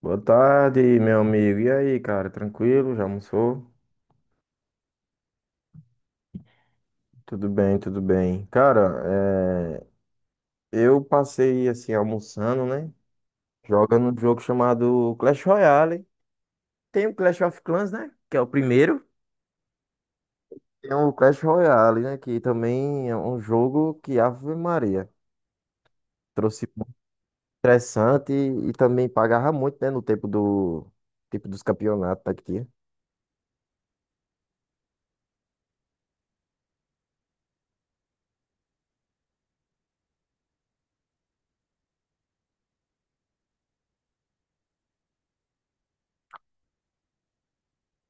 Boa tarde, meu amigo. E aí, cara, tranquilo? Já almoçou? Tudo bem, tudo bem. Cara, eu passei assim almoçando, né? Jogando um jogo chamado Clash Royale. Tem o Clash of Clans, né? Que é o primeiro. Tem o Clash Royale, né? Que também é um jogo que Ave Maria trouxe muito estressante e também pagava muito, né? No tempo do tipo dos campeonatos daqui.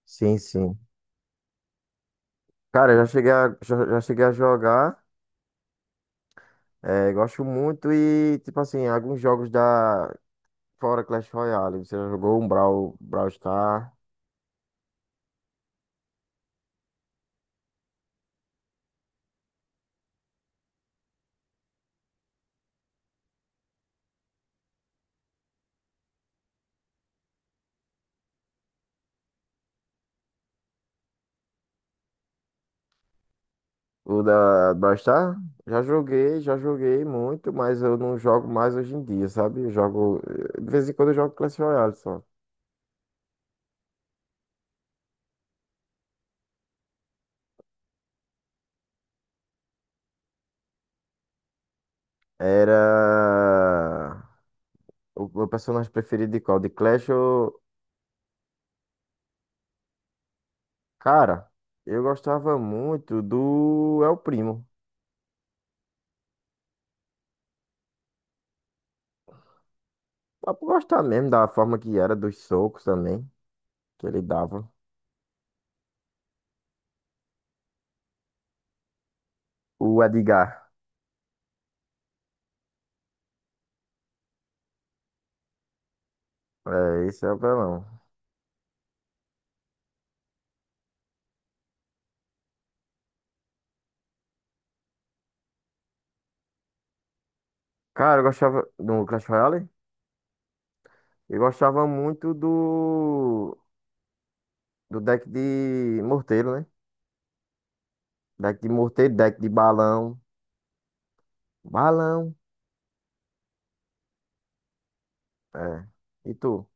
Sim, sim. Cara, eu já cheguei a, já, já cheguei a jogar. É, gosto muito e, tipo assim, alguns jogos da. Fora Clash Royale. Você já jogou um Brawl Star? O da Brawl Star? Já joguei muito, mas eu não jogo mais hoje em dia, sabe? Eu jogo. De vez em quando eu jogo Clash Royale só. Era. O meu personagem preferido de qual? De Clash ou. Cara, eu gostava muito do El Primo. Dá pra gostar mesmo da forma que era, dos socos também, que ele dava. O Edgar. É, esse é o apelão. Cara, eu gostava do Clash Royale. Eu gostava muito do deck de morteiro, né? Deck de morteiro, deck de balão. Balão. É. E tu?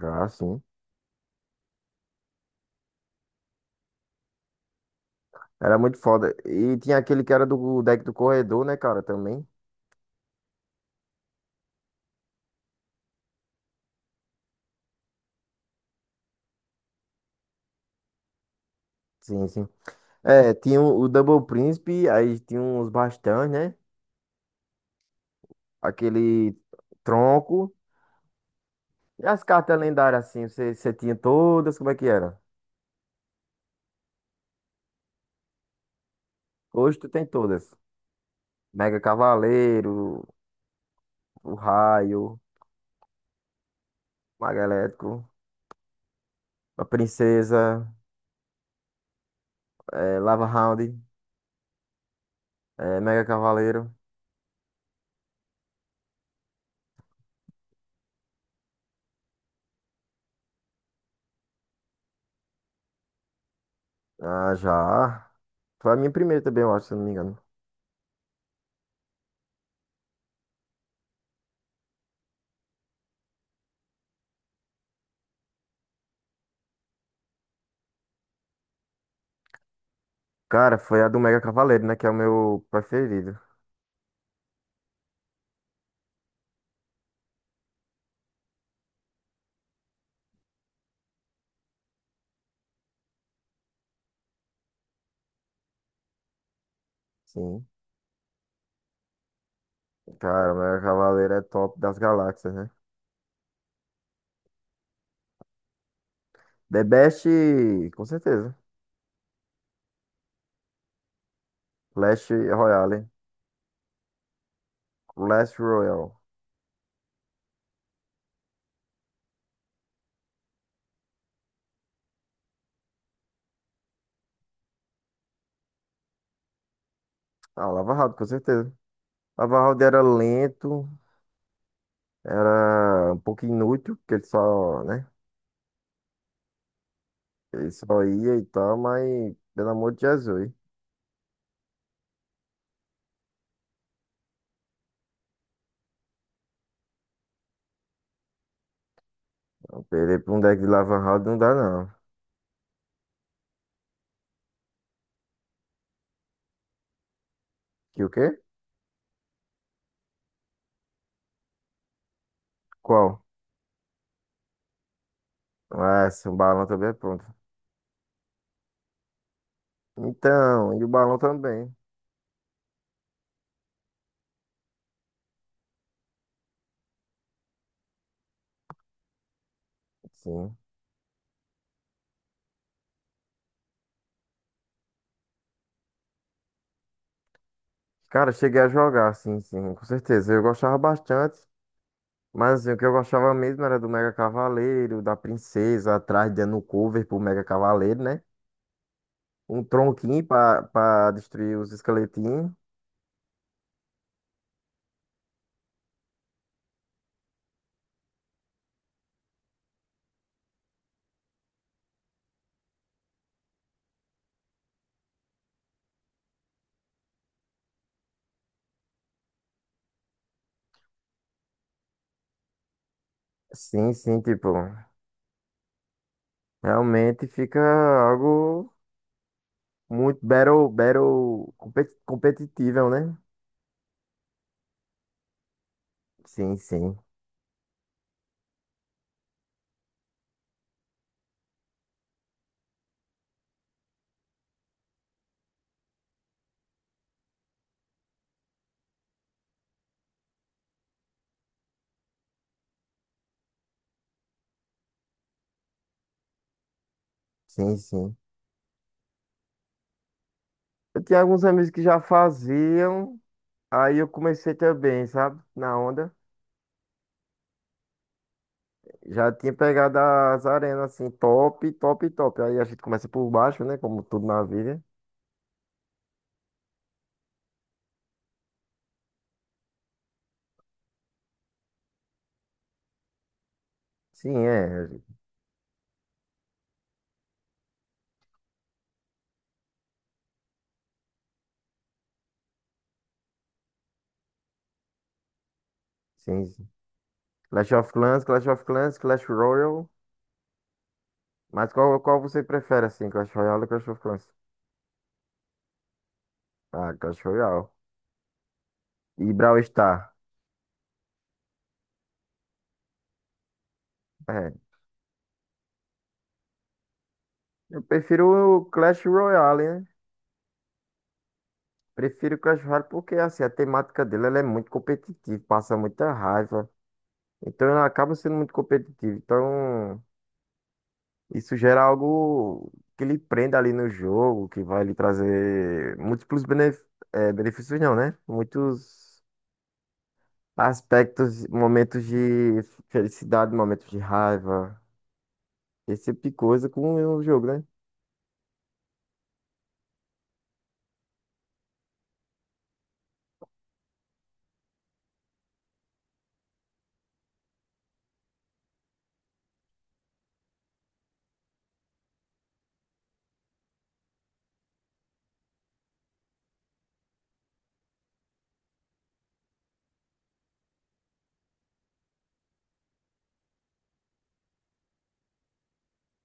Já, sim. Era muito foda. E tinha aquele que era do deck do corredor, né, cara, também. Sim, sim. É, tinha o Double Príncipe, aí tinha uns bastões, né? Aquele tronco. E as cartas lendárias, assim, você tinha todas, como é que era? Hoje tu tem todas. Mega Cavaleiro, o Raio, Mago Elétrico, a Princesa, Lava Hound, Mega Cavaleiro. Ah, já. Foi a minha primeira também, eu acho, se eu não me engano. Cara, foi a do Mega Cavaleiro, né? Que é o meu preferido. Sim. Cara, o Mega Cavaleiro é top das galáxias, né? The Best, com certeza. Clash Royale. Clash Royale. Ah, Lava Hound, com certeza. Lava Hound era lento, era um pouco inútil, porque ele só, né? Ele só ia e tal, mas pelo amor de Jesus. Não, perder pra um deck de Lava House não dá, não. Que o quê? Qual? Ah, sim, o balão também é pronto. Então, e o balão também. Sim. Cara, cheguei a jogar, sim, sim, com certeza. Eu gostava bastante. Mas assim, o que eu gostava mesmo era do Mega Cavaleiro, da Princesa, atrás dando cover pro Mega Cavaleiro, né? Um tronquinho pra destruir os esqueletinhos. Sim, sim, tipo, realmente fica algo. Muito battle competitiva, né? Sim, sim, sim, sim. Eu tinha alguns amigos que já faziam, aí eu comecei também, sabe? Na onda. Já tinha pegado as arenas assim, top, top, top. Aí a gente começa por baixo, né? Como tudo na vida. Sim, é. Sim, sim. Clash of Clans, Clash of Clans, Clash Royale. Mas qual você prefere, assim? Clash Royale ou Clash of Clans? Ah, Clash Royale. E Brawl Stars. É. Eu prefiro o Clash Royale, né? Prefiro Crash Royale porque assim, a temática dele ela é muito competitiva, passa muita raiva. Então ela acaba sendo muito competitiva. Então isso gera algo que lhe prenda ali no jogo, que vai lhe trazer múltiplos benefícios, não, né? Muitos aspectos, momentos de felicidade, momentos de raiva, esse tipo de coisa com o jogo, né?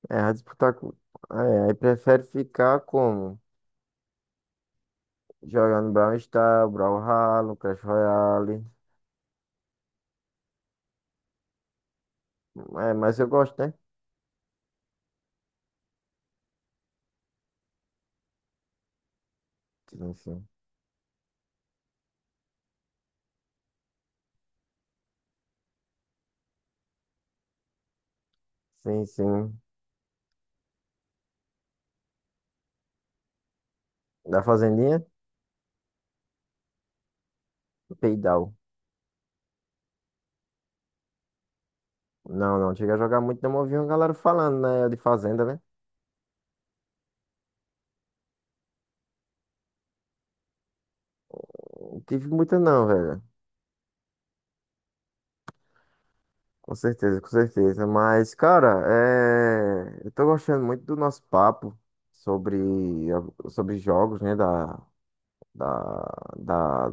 É, a disputar com. É, aí prefere ficar como? Jogando Brawl Stars, Brawlhalla, Crash Royale. É, mas eu gosto, né? Sim, sim. Sim, sim. Da Fazendinha? Peidal. Não, não. Chega a jogar muito, não eu ouvi uma galera falando, né? De Fazenda, né? Não tive muita, não, velho. Com certeza, com certeza. Mas, cara, eu tô gostando muito do nosso papo sobre, sobre jogos, né? Da, da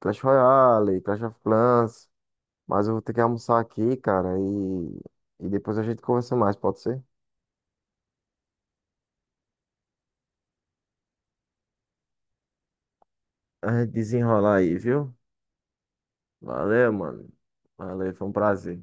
Clash Royale, Clash of Clans. Mas eu vou ter que almoçar aqui, cara, e depois a gente conversa mais, pode ser? A gente desenrolar aí, viu? Valeu, mano. Valeu, foi um prazer.